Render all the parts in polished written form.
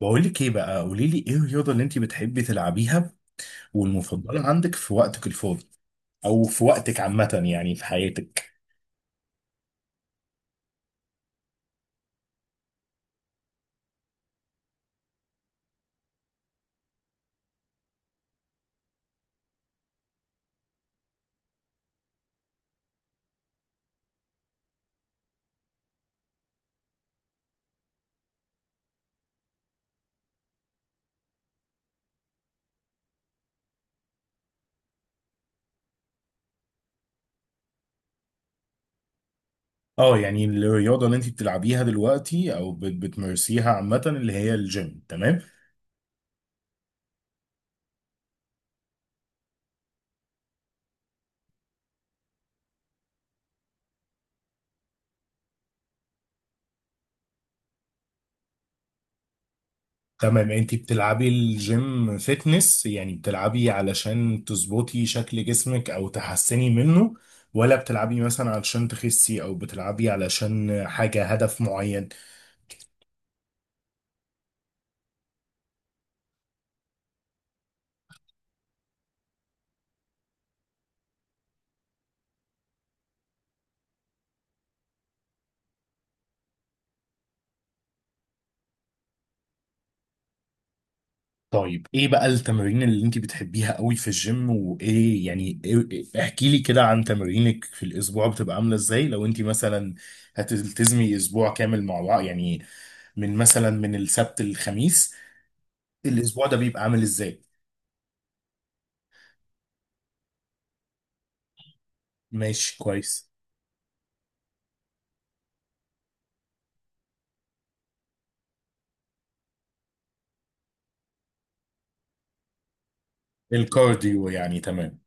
بقول لك ايه بقى، قولي لي ايه الرياضه اللي انت بتحبي تلعبيها والمفضله عندك في وقتك الفاضي، او في وقتك عامه يعني في حياتك؟ اه يعني الرياضه اللي انت بتلعبيها دلوقتي او بتمارسيها عامه اللي هي الجيم، تمام. تمام، انت بتلعبي الجيم فيتنس يعني بتلعبي علشان تظبطي شكل جسمك او تحسني منه، ولا بتلعبي مثلا علشان تخسي او بتلعبي علشان حاجه هدف معين؟ طيب، ايه بقى التمارين اللي انت بتحبيها قوي في الجيم وايه يعني إيه، احكي لي كده عن تمارينك في الاسبوع، بتبقى عامله ازاي لو انت مثلا هتلتزمي اسبوع كامل مع بعض يعني، من مثلا من السبت للخميس، الاسبوع ده بيبقى عامل ازاي؟ ماشي، كويس. الكارديو يعني، تمام.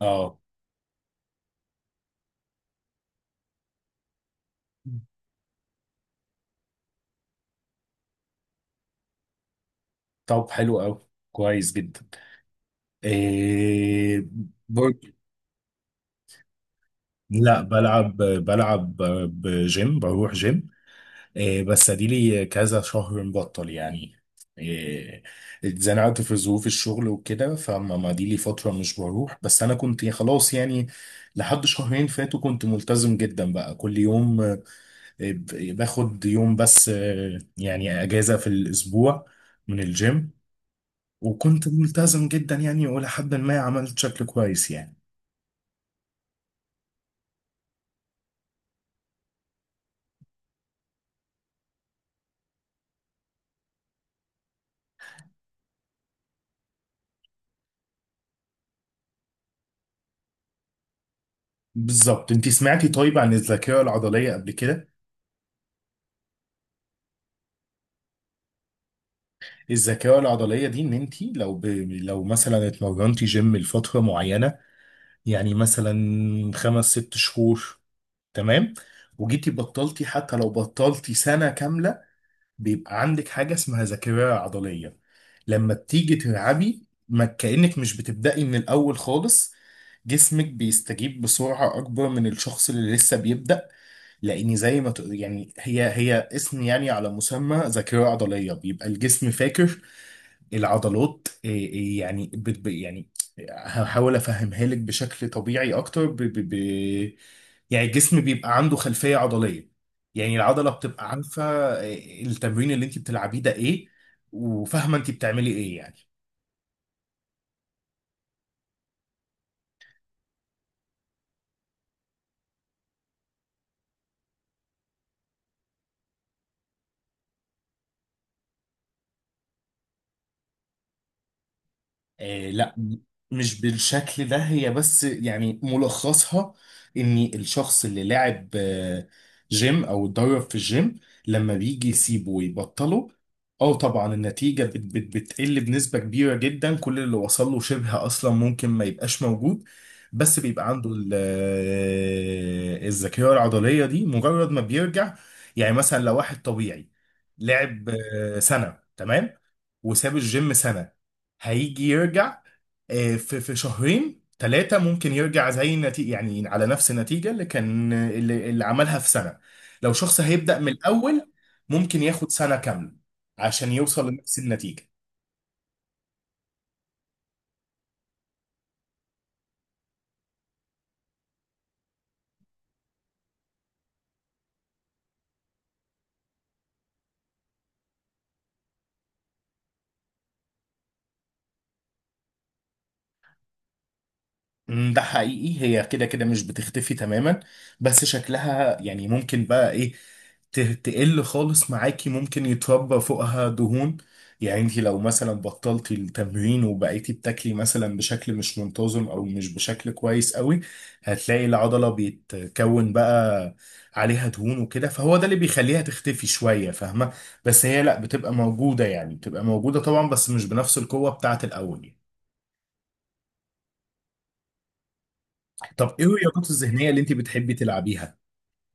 اه. طب حلو قوي، كويس جدا. إيه؟ برضه، لا بلعب بلعب، بجيم بروح جيم. إيه بس اديلي كذا شهر مبطل يعني. إيه. اتزنقت في ظروف الشغل وكده، فما ما دي لي فترة مش بروح، بس انا كنت خلاص يعني، لحد شهرين فاتوا كنت ملتزم جدا بقى كل يوم، باخد يوم بس، يعني اجازة في الاسبوع من الجيم. وكنت ملتزم جدا يعني، والى حد ما عملت شكل كويس يعني. بالظبط، انتي سمعتي طيب عن الذاكرة العضلية قبل كده؟ الذكاء العضلية دي ان انت لو مثلا اتمرنتي جيم لفترة معينة، يعني مثلا 5 6 شهور، تمام، وجيتي بطلتي حتى لو بطلتي سنة كاملة، بيبقى عندك حاجة اسمها ذاكرة عضلية. لما بتيجي تلعبي ما كأنك مش بتبدأي من الأول خالص، جسمك بيستجيب بسرعة أكبر من الشخص اللي لسه بيبدأ. لاني زي ما تقول يعني هي هي اسم يعني على مسمى، ذاكره عضليه، بيبقى الجسم فاكر العضلات إيه يعني يعني هحاول افهمها لك بشكل طبيعي اكتر ب ب ب يعني الجسم بيبقى عنده خلفيه عضليه، يعني العضله بتبقى عارفه إيه التمرين اللي انت بتلعبيه ده ايه، وفاهمه انت بتعملي ايه يعني. لا، مش بالشكل ده هي، بس يعني ملخصها ان الشخص اللي لعب جيم او اتدرب في الجيم، لما بيجي يسيبه ويبطله، اه طبعا النتيجة بت بت بتقل بنسبة كبيرة جدا، كل اللي وصل له شبه اصلا ممكن ما يبقاش موجود، بس بيبقى عنده الذاكرة العضلية دي مجرد ما بيرجع. يعني مثلا لو واحد طبيعي لعب سنة، تمام، وساب الجيم سنة، هيجي يرجع في شهرين ثلاثة ممكن يرجع زي النتيجة، يعني على نفس النتيجة اللي كان اللي عملها في سنة. لو شخص هيبدأ من الأول ممكن ياخد سنة كاملة عشان يوصل لنفس النتيجة. مم، ده حقيقي، هي كده كده مش بتختفي تماما، بس شكلها يعني ممكن بقى ايه، تقل خالص معاكي، ممكن يتربى فوقها دهون، يعني انت لو مثلا بطلتي التمرين وبقيتي بتاكلي مثلا بشكل مش منتظم او مش بشكل كويس قوي، هتلاقي العضلة بيتكون بقى عليها دهون وكده، فهو ده اللي بيخليها تختفي شوية، فاهمة؟ بس هي لا بتبقى موجودة، يعني بتبقى موجودة طبعا بس مش بنفس القوة بتاعت الأول يعني. طب ايه الرياضات الذهنية اللي انت بتحبي تلعبيها؟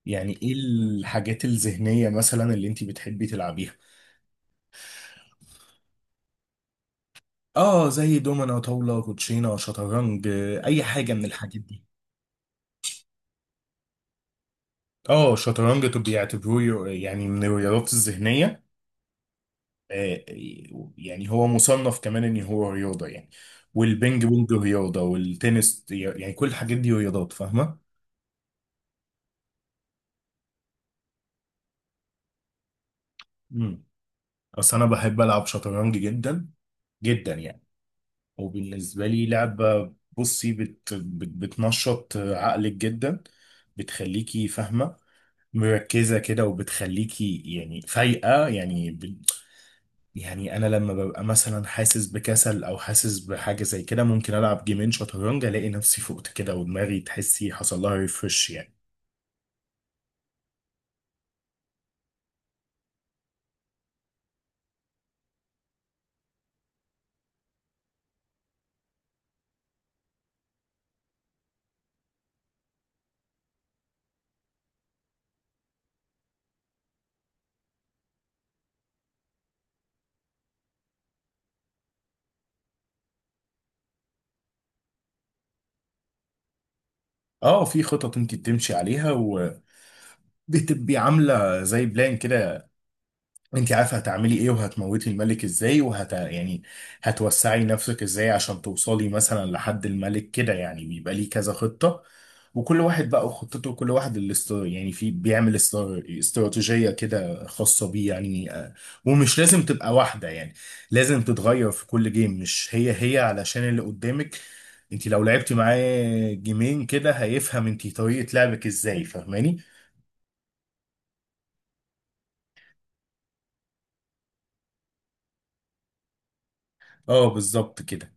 يعني ايه الحاجات الذهنية مثلا اللي انت بتحبي تلعبيها؟ اه، زي دومنا، طاولة، كوتشينة، شطرنج، اي حاجة من الحاجات دي. اه شطرنج، طب بيعتبروه يعني من الرياضات الذهنية، آه، يعني هو مصنف كمان ان هو رياضة يعني، والبينج بونج رياضة، والتنس، يعني كل الحاجات دي رياضات، فاهمة؟ امم اصل انا بحب العب شطرنج جدا جدا يعني. وبالنسبة لي لعبة، بصي بت بت بتنشط عقلك جدا، بتخليكي فاهمة، مركزة كده، وبتخليكي يعني فايقة يعني. يعني أنا لما ببقى مثلا حاسس بكسل أو حاسس بحاجة زي كده، ممكن ألعب جيمين شطرنج، ألاقي نفسي فقت كده ودماغي تحسي حصل لها ريفرش يعني. اه، في خطط انت بتمشي عليها وبتبقي عاملة زي بلان كده، انت عارفه هتعملي ايه وهتموتي الملك ازاي، يعني هتوسعي نفسك ازاي عشان توصلي مثلا لحد الملك كده، يعني بيبقى ليه كذا خطة، وكل واحد بقى وخطته، كل واحد اللي يعني في بيعمل استراتيجية كده خاصة بيه يعني، ومش لازم تبقى واحدة يعني، لازم تتغير في كل جيم، مش هي هي علشان اللي قدامك، انت لو لعبتي معاه جيمين كده هيفهم انت طريقة لعبك ازاي، فاهماني؟ اه بالظبط كده.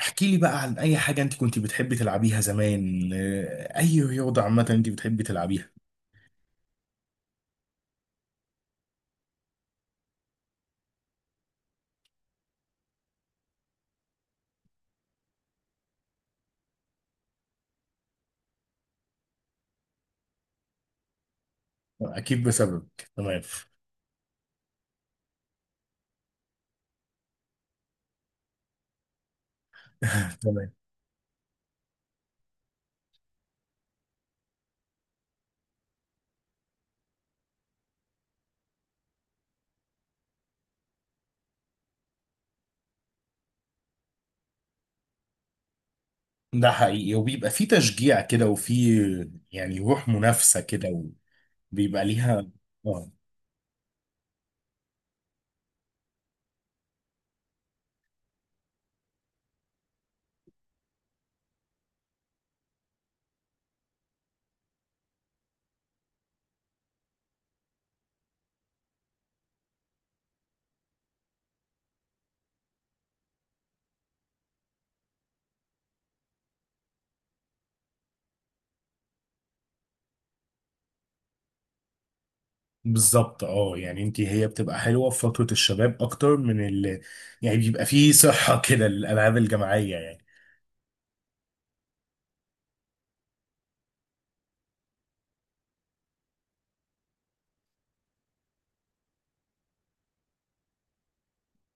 احكي لي بقى عن اي حاجة انت كنت بتحبي تلعبيها زمان، اي رياضة عامة انت بتحبي تلعبيها. اكيد بسببك، تمام. تمام، ده حقيقي، وبيبقى في تشجيع كده، وفي يعني روح منافسة كده، وبيبقى ليها، اه. بالظبط اه، يعني انت هي بتبقى حلوة في فترة الشباب اكتر من ال، يعني بيبقى في صحة كده للالعاب الجماعية يعني.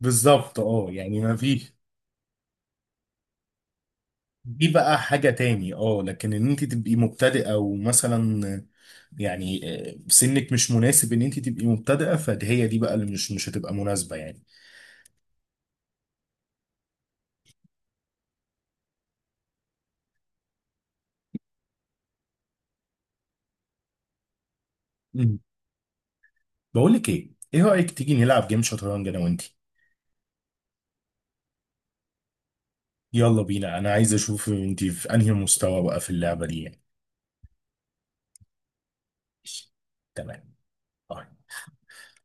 بالظبط اه، يعني ما في، دي بقى حاجة تاني. اه لكن ان انت تبقي مبتدئة ومثلا يعني، سنك مش مناسب ان انت تبقي مبتدئة، فهي دي بقى اللي مش هتبقى مناسبة يعني. مم. بقول لك ايه، ايه رأيك تيجي نلعب جيم شطرنج انا وانت؟ يلا بينا، انا عايز اشوف انت في انهي مستوى بقى في اللعبة دي يعني. تمام.